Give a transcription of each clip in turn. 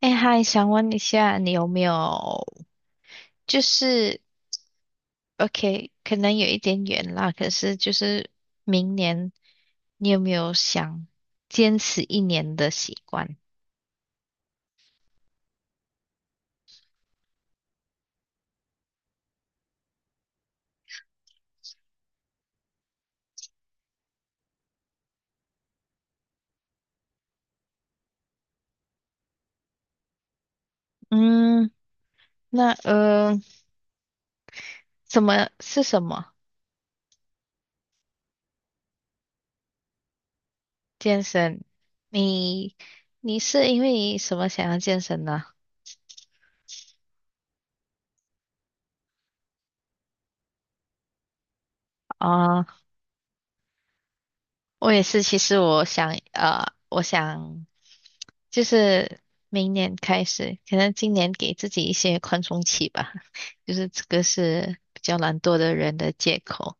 哎，嗨，想问一下，你有没有就是，OK，可能有一点远啦，可是就是明年你有没有想坚持一年的习惯？嗯，那什么健身？你你是因为什么想要健身呢？啊？我也是，其实我想，我想就是明年开始，可能今年给自己一些宽松期吧，就是这个是比较懒惰的人的借口。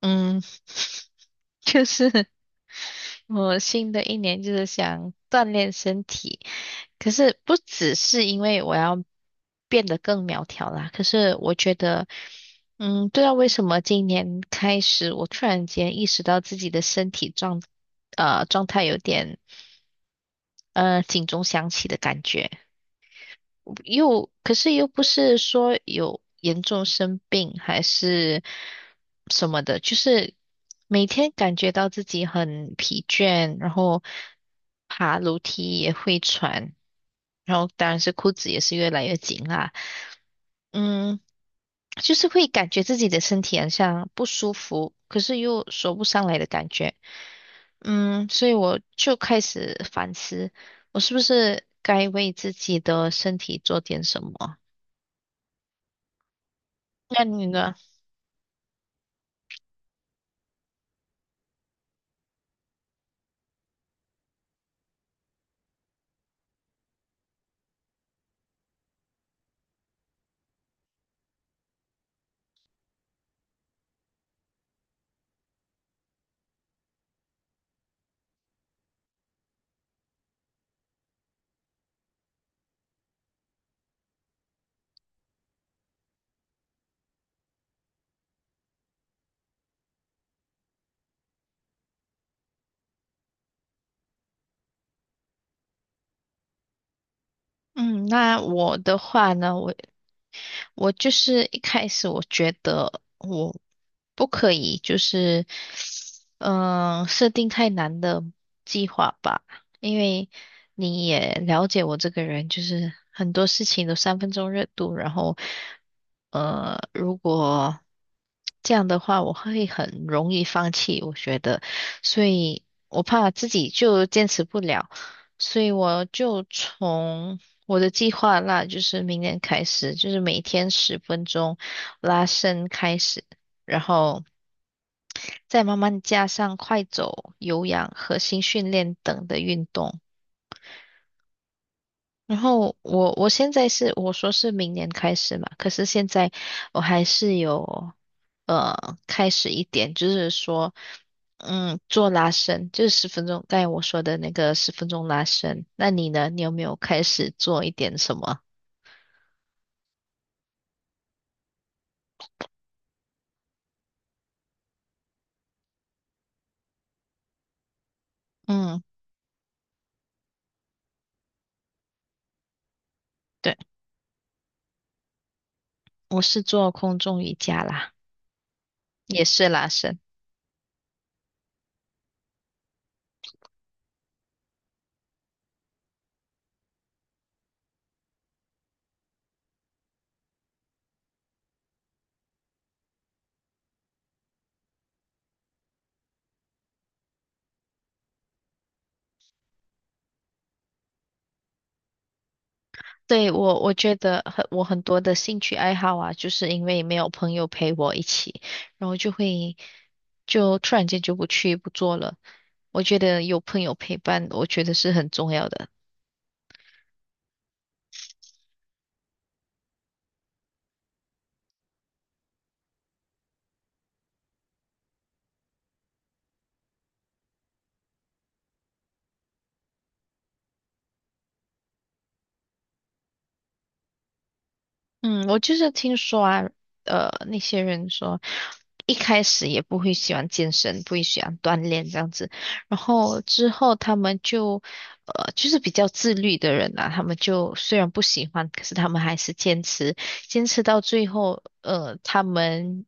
嗯，就是我新的一年就是想锻炼身体，可是不只是因为我要变得更苗条啦，可是我觉得，嗯，不知道为什么今年开始，我突然间意识到自己的身体状态有点，警钟响起的感觉。又可是又不是说有严重生病还是什么的，就是每天感觉到自己很疲倦，然后爬楼梯也会喘，然后当然是裤子也是越来越紧啦，嗯，就是会感觉自己的身体好像不舒服，可是又说不上来的感觉，嗯，所以我就开始反思，我是不是该为自己的身体做点什么？那你呢？嗯，那我的话呢，我就是一开始我觉得我不可以，就是设定太难的计划吧，因为你也了解我这个人，就是很多事情都三分钟热度，然后如果这样的话，我会很容易放弃，我觉得，所以我怕自己就坚持不了。所以我就从我的计划那就是明年开始，就是每天十分钟拉伸开始，然后再慢慢加上快走、有氧、核心训练等的运动。然后我现在是我说是明年开始嘛，可是现在我还是有开始一点，就是说做拉伸，就是十分钟，刚才我说的那个十分钟拉伸。那你呢？你有没有开始做一点什么？嗯。对。我是做空中瑜伽啦，也是拉伸。对，我觉得很多的兴趣爱好啊，就是因为没有朋友陪我一起，然后就突然间就不去不做了。我觉得有朋友陪伴，我觉得是很重要的。嗯，我就是听说啊，呃，那些人说一开始也不会喜欢健身，不会喜欢锻炼这样子，然后之后他们就，就是比较自律的人啊，他们就虽然不喜欢，可是他们还是坚持，坚持到最后，他们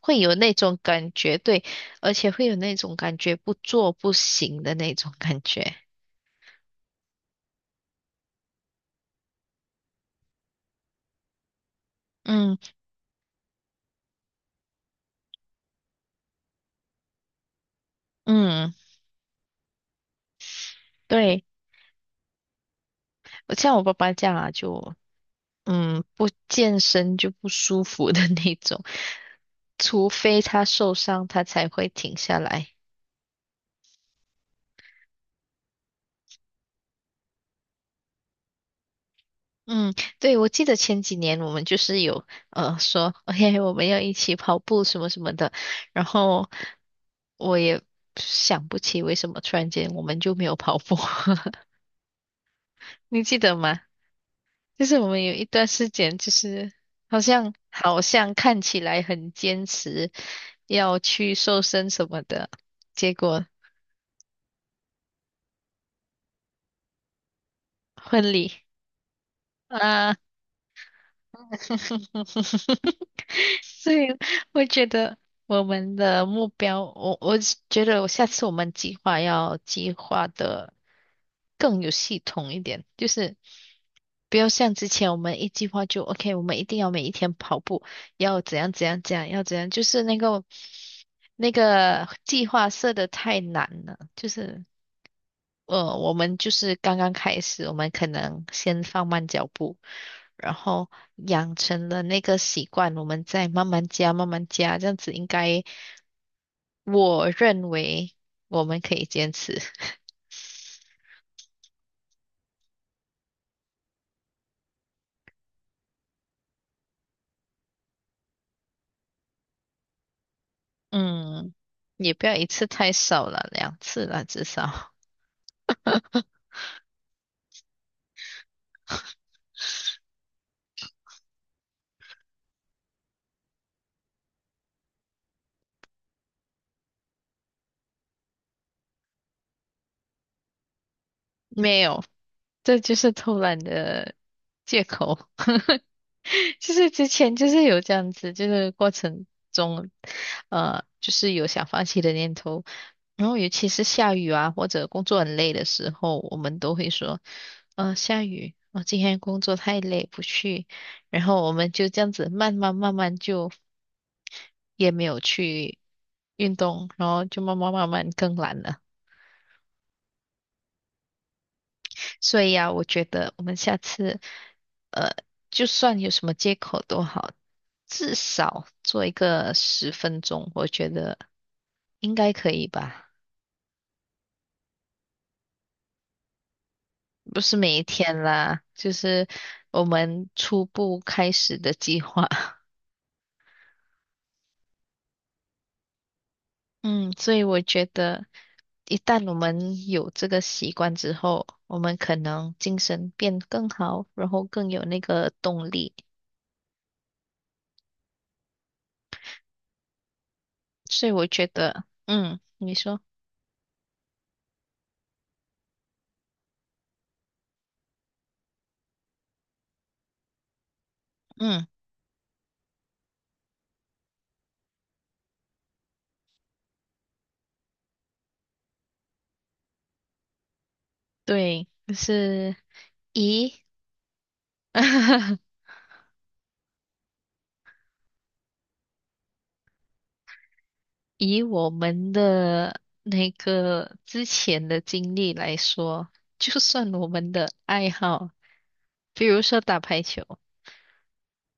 会有那种感觉，对，而且会有那种感觉不做不行的那种感觉。嗯嗯，对，像我爸爸这样啊，就。嗯，不健身就不舒服的 那种，除非他受伤，他才会停下来。嗯，对，我记得前几年我们就是有说，哎，我们要一起跑步什么什么的，然后我也想不起为什么突然间我们就没有跑步，你记得吗？就是我们有一段时间，就是好像看起来很坚持要去瘦身什么的，结果。婚礼啊，所以我觉得我们的目标，我觉得我下次我们计划要计划的更有系统一点，就是不要像之前我们一计划就 OK，我们一定要每一天跑步，要怎样怎样怎样，要怎样，就是那个计划设的太难了，就是。我们就是刚刚开始，我们可能先放慢脚步，然后养成了那个习惯，我们再慢慢加，慢慢加，这样子应该，我认为我们可以坚持。嗯，也不要一次太少了，两次了至少。没有，这就是偷懒的借口。就是之前就是有这样子，就是过程中，就是有想放弃的念头。然后尤其是下雨啊，或者工作很累的时候，我们都会说，下雨，我今天工作太累，不去。然后我们就这样子慢慢慢慢就也没有去运动，然后就慢慢慢慢更懒了。所以啊，我觉得我们下次，呃，就算有什么借口都好，至少做一个十分钟，我觉得应该可以吧？不是每一天啦，就是我们初步开始的计划。嗯，所以我觉得，一旦我们有这个习惯之后，我们可能精神变更好，然后更有那个动力。所以我觉得，嗯，你说，嗯，对，就是。以 以我们的那个之前的经历来说，就算我们的爱好，比如说打排球，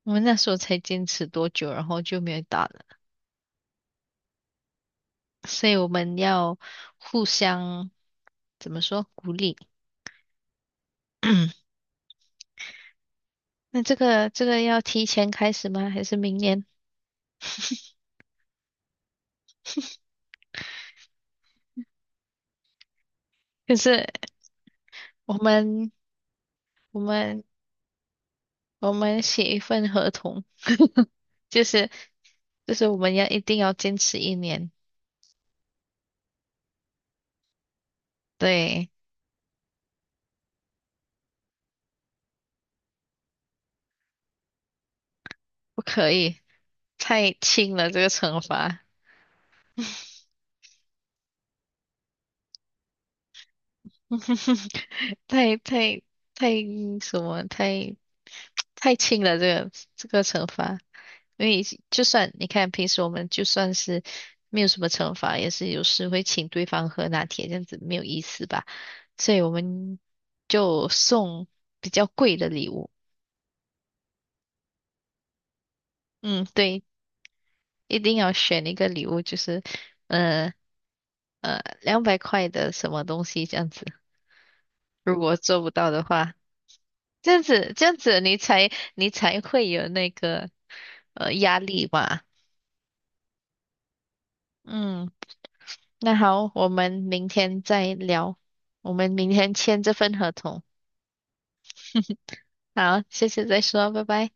我们那时候才坚持多久，然后就没有打了，所以我们要互相怎么说鼓励？那这个要提前开始吗？还是明年？可是我们我们我们写一份合同，就是就是我们要一定要坚持一年。对，不可以，太轻了这个惩罚，太太太什么，太轻了这个惩罚，因为就算你看平时我们就算是没有什么惩罚，也是有时会请对方喝拿铁，这样子没有意思吧，所以我们就送比较贵的礼物。嗯，对，一定要选一个礼物，就是呃200块的什么东西这样子。如果做不到的话，这样子你才会有那个压力吧。嗯，那好，我们明天再聊，我们明天签这份合同。好，谢谢再说，拜拜。